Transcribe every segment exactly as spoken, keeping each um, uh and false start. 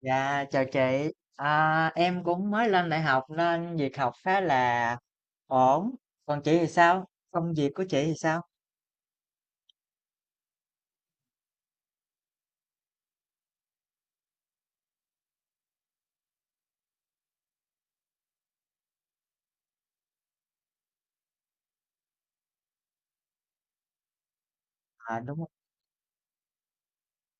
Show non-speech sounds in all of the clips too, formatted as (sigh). Dạ, chào chị. À, em cũng mới lên đại học nên việc học khá là ổn. Còn chị thì sao? Công việc của chị thì sao? À đúng rồi.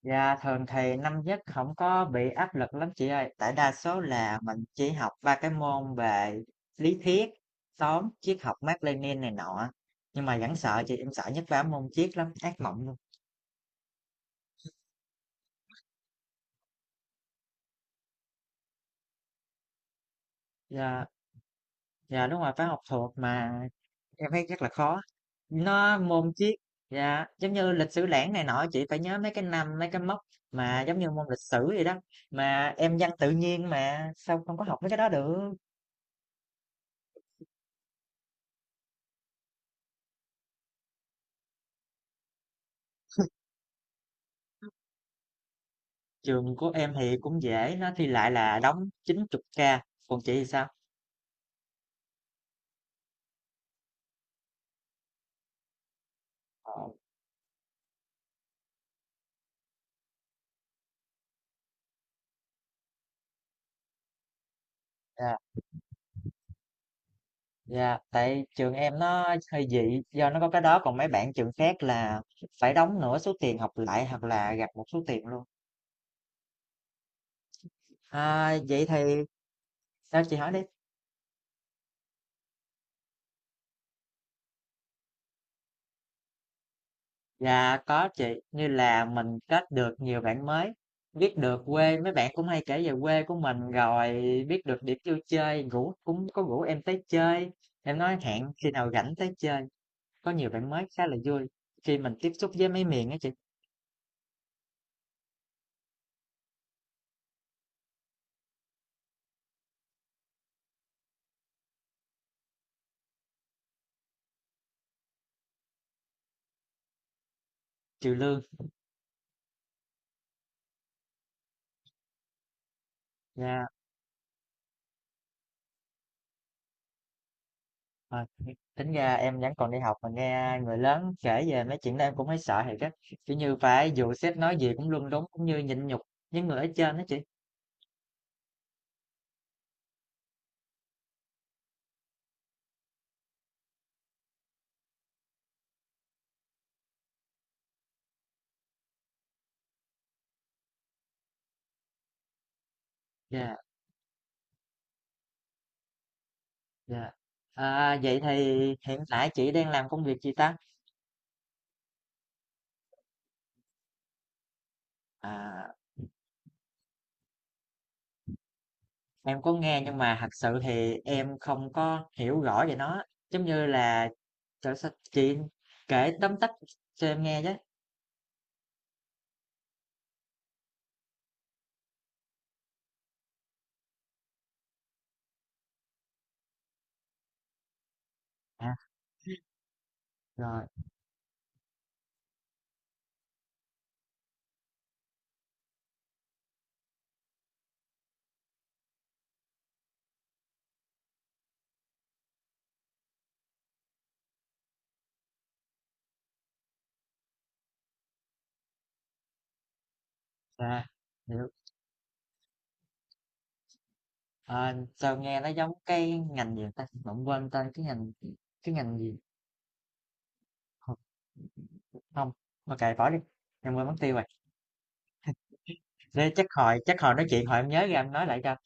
Dạ, thường thì năm nhất không có bị áp lực lắm chị ơi. Tại đa số là mình chỉ học ba cái môn về lý thuyết, toán, triết học Mác Lênin này nọ. Nhưng mà vẫn sợ chị, em sợ nhất ba môn triết lắm, ác mộng luôn. Dạ, dạ đúng rồi, phải học thuộc mà. Em thấy chắc là khó. Nó môn triết dạ, giống như lịch sử lẻn này nọ chị phải nhớ mấy cái năm, mấy cái mốc mà giống như môn lịch sử vậy đó. Mà em văn tự nhiên mà sao không có học mấy cái đó được? Trường của em thì cũng dễ, nó thi lại là đóng chín chục ca, còn chị thì sao? Ờ, Dạ, dạ, tại trường em nó hơi dị do nó có cái đó còn mấy bạn trường khác là phải đóng nửa số tiền học lại hoặc là gặp một số tiền luôn. À, vậy thì sao chị hỏi đi? Dạ có chị, như là mình kết được nhiều bạn mới, biết được quê, mấy bạn cũng hay kể về quê của mình rồi biết được điểm vui chơi, ngủ cũng có rủ em tới chơi. Em nói hẹn khi nào rảnh tới chơi. Có nhiều bạn mới khá là vui khi mình tiếp xúc với mấy miền á chị, trừ lương. Dạ, ờ, tính ra em vẫn còn đi học mà nghe người lớn kể về mấy chuyện đó em cũng thấy sợ thiệt á. Kiểu như phải dù sếp nói gì cũng luôn đúng cũng như nhịn nhục với người ở trên đó chị. Dạ. Dạ. À, vậy thì hiện tại chị đang làm công việc gì ta? À, em có nghe nhưng mà thật sự thì em không có hiểu rõ về nó. Giống như là trời sao chị kể tóm tắt cho em nghe chứ. À, rồi, à, hiểu. À, sao nghe nó giống cái ngành gì ta? Mà quên tên cái ngành cái ngành gì? Không, không. Ok bỏ đi. Em quên mất tiêu rồi. Thế chắc hồi chắc hồi nói chuyện hồi em nhớ ra em nói lại cho.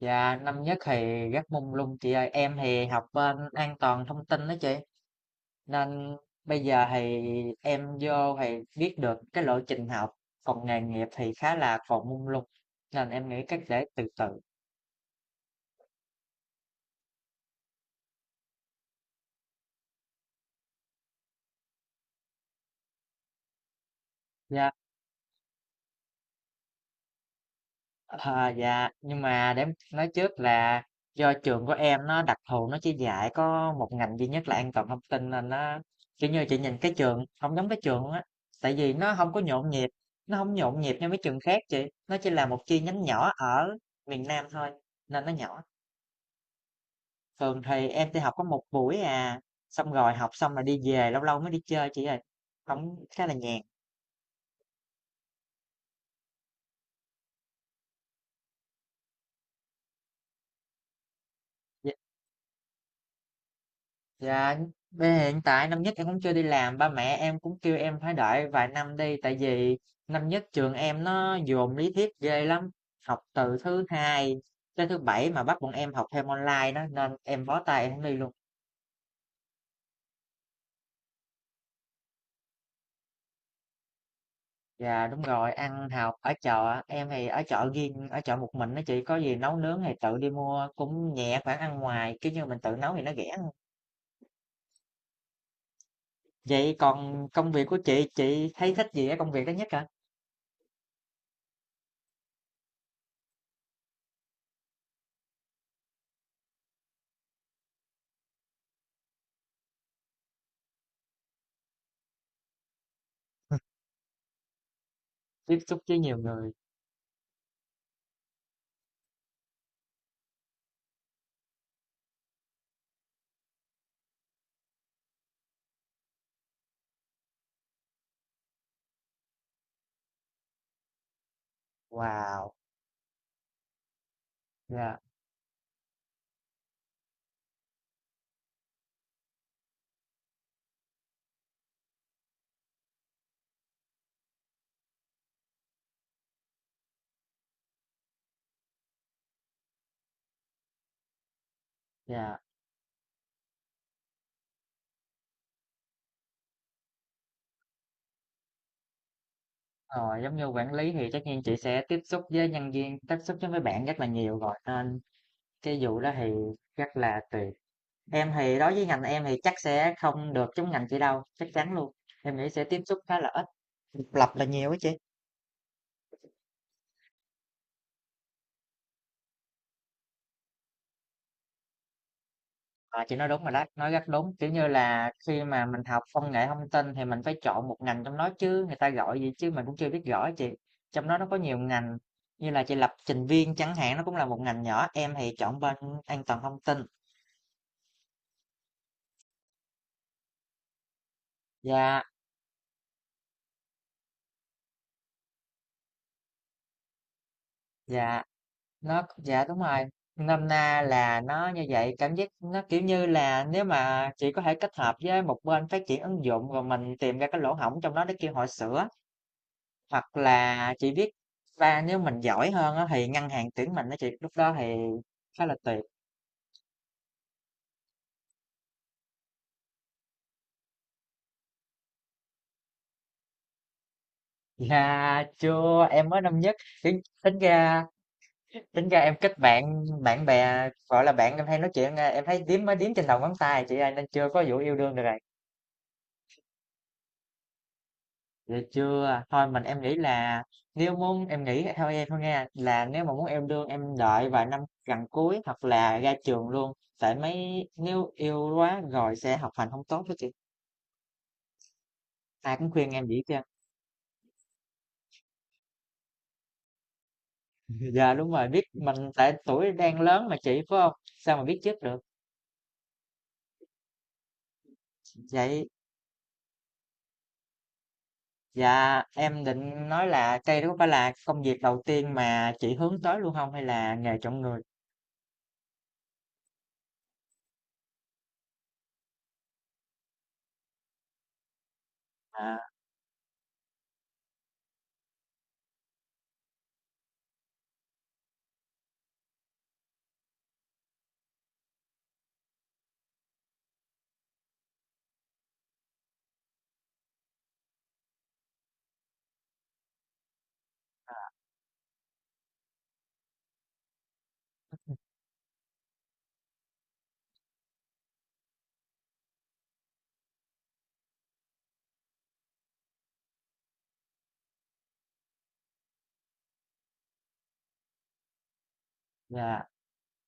Dạ, năm nhất thì rất mông lung chị ơi. Em thì học bên an toàn thông tin đó chị. Nên bây giờ thì em vô thì biết được cái lộ trình học. Còn nghề nghiệp thì khá là còn mông lung. Nên em nghĩ cách để từ từ. Dạ. Ờ, dạ, nhưng mà để em nói trước là do trường của em nó đặc thù nó chỉ dạy có một ngành duy nhất là an toàn thông tin nên nó kiểu như chị nhìn cái trường không giống cái trường luôn á tại vì nó không có nhộn nhịp, nó không nhộn nhịp như mấy trường khác chị, nó chỉ là một chi nhánh nhỏ ở miền Nam thôi nên nó nhỏ. Thường thì em chỉ học có một buổi à, xong rồi học xong là đi về, lâu lâu mới đi chơi chị ơi, không khá là nhàn. Dạ, bây hiện tại năm nhất em cũng chưa đi làm, ba mẹ em cũng kêu em phải đợi vài năm đi, tại vì năm nhất trường em nó dồn lý thuyết ghê lắm, học từ thứ hai tới thứ bảy mà bắt bọn em học thêm online đó, nên em bó tay em không đi luôn. Dạ đúng rồi, ăn học ở chợ, em thì ở chợ riêng, ở chợ một mình đó chị, có gì nấu nướng thì tự đi mua, cũng nhẹ khoản ăn ngoài, kiểu như mình tự nấu thì nó rẻ hơn. Vậy còn công việc của chị, chị thấy thích gì ở công việc đó nhất hả? (laughs) Tiếp xúc với nhiều người, wow. Dạ. Dạ, rồi, giống như quản lý thì chắc nhiên chị sẽ tiếp xúc với nhân viên, tiếp xúc với mấy bạn rất là nhiều rồi nên cái vụ đó thì rất là tùy. Em thì đối với ngành em thì chắc sẽ không được giống ngành chị đâu, chắc chắn luôn. Em nghĩ sẽ tiếp xúc khá là ít, độc lập là nhiều á chị. Ờ, chị nói đúng rồi đó, nói rất đúng. Kiểu như là khi mà mình học công nghệ thông tin thì mình phải chọn một ngành trong đó chứ người ta gọi gì chứ mình cũng chưa biết rõ á chị. Trong đó nó có nhiều ngành như là chị lập trình viên chẳng hạn nó cũng là một ngành nhỏ. Em thì chọn bên an toàn thông tin. Và Dạ, nó dạ đúng rồi. Nôm na là nó như vậy, cảm giác nó, kiểu như là, nếu mà chỉ có thể kết hợp với một bên phát triển ứng dụng, rồi mình tìm ra cái lỗ hổng trong đó để kêu họ sửa, hoặc là chị biết và nếu mình giỏi hơn á, thì ngân hàng tuyển mình á chị, lúc đó thì khá là tuyệt. Dạ, chưa, em mới năm nhất, tính tính ra tính ra em kết bạn bạn bè, gọi là, bạn em hay nói chuyện, em thấy đếm mới đếm trên đầu ngón tay chị ơi, nên chưa có vụ yêu đương được rồi. Vậy chưa? Thôi mình em nghĩ là nếu muốn em nghĩ theo em thôi nha là nếu mà muốn yêu đương em đợi vài năm gần cuối hoặc là ra trường luôn, tại mấy nếu yêu quá rồi sẽ học hành không tốt đó chị, ai cũng khuyên em vậy kia giờ. (laughs) Đúng rồi biết mình tại tuổi đang lớn mà chị phải không, sao mà biết trước được vậy. Dạ, em định nói là đây đó có phải là công việc đầu tiên mà chị hướng tới luôn không hay là nghề chọn người. À, dạ,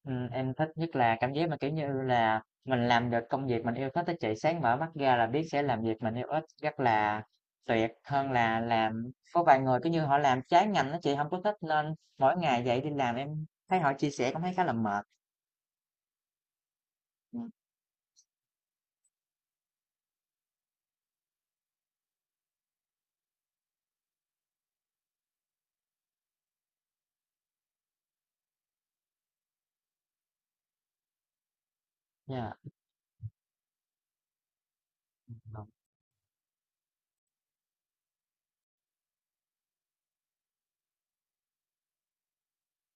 ừm, em thích nhất là cảm giác mà, kiểu như là, mình làm được công việc mình yêu thích á chị, sáng mở mắt ra là biết sẽ làm việc mình yêu thích rất là tuyệt, hơn là làm có vài người, cứ như, họ làm trái ngành đó chị, không có thích nên mỗi ngày dậy đi làm em thấy họ chia sẻ cũng thấy khá là mệt. Ừ. Dạ. Yeah.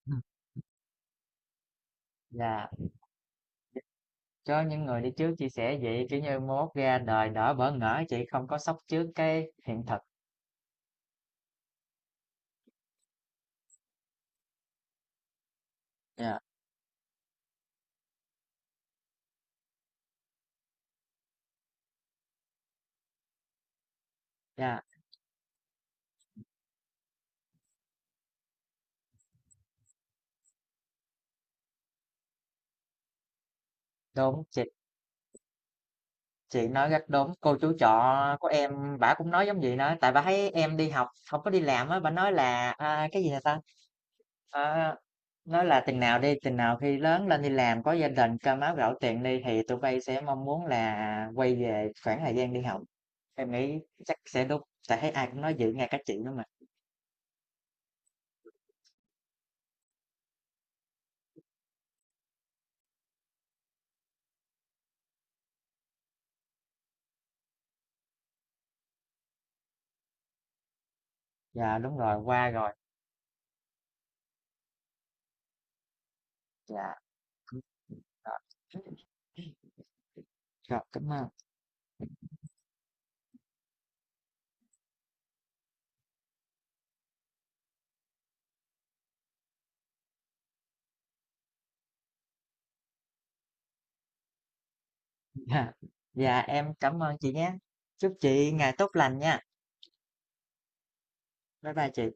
Ừm. Dạ, cho những người đi trước chia sẻ vậy, kiểu như, mai mốt ra đời đỡ bỡ ngỡ chị, không có sốc trước cái hiện thực. Dạ, dạ, đúng. Chị Chị nói rất đúng, cô chú trọ của em bả cũng nói giống vậy nữa, tại bà thấy em đi học không có đi làm á, bà nói là, à, cái gì nè ta, ờ, nói là "Chừng nào đi, chừng nào khi lớn lên đi làm, có gia đình, cơm áo gạo tiền đi thì tụi bay sẽ mong muốn là quay về khoảng thời gian đi học." Em nghĩ chắc sẽ đúng, tại thấy ai cũng nói vậy, nghe cả chị nữa mà. Dạ, đúng rồi, qua rồi, dạ, đúng rồi. Rồi, cảm ơn, (laughs) dạ, dạ, em cảm ơn chị nhé. Chúc chị ngày tốt lành nha. Bye bye chị.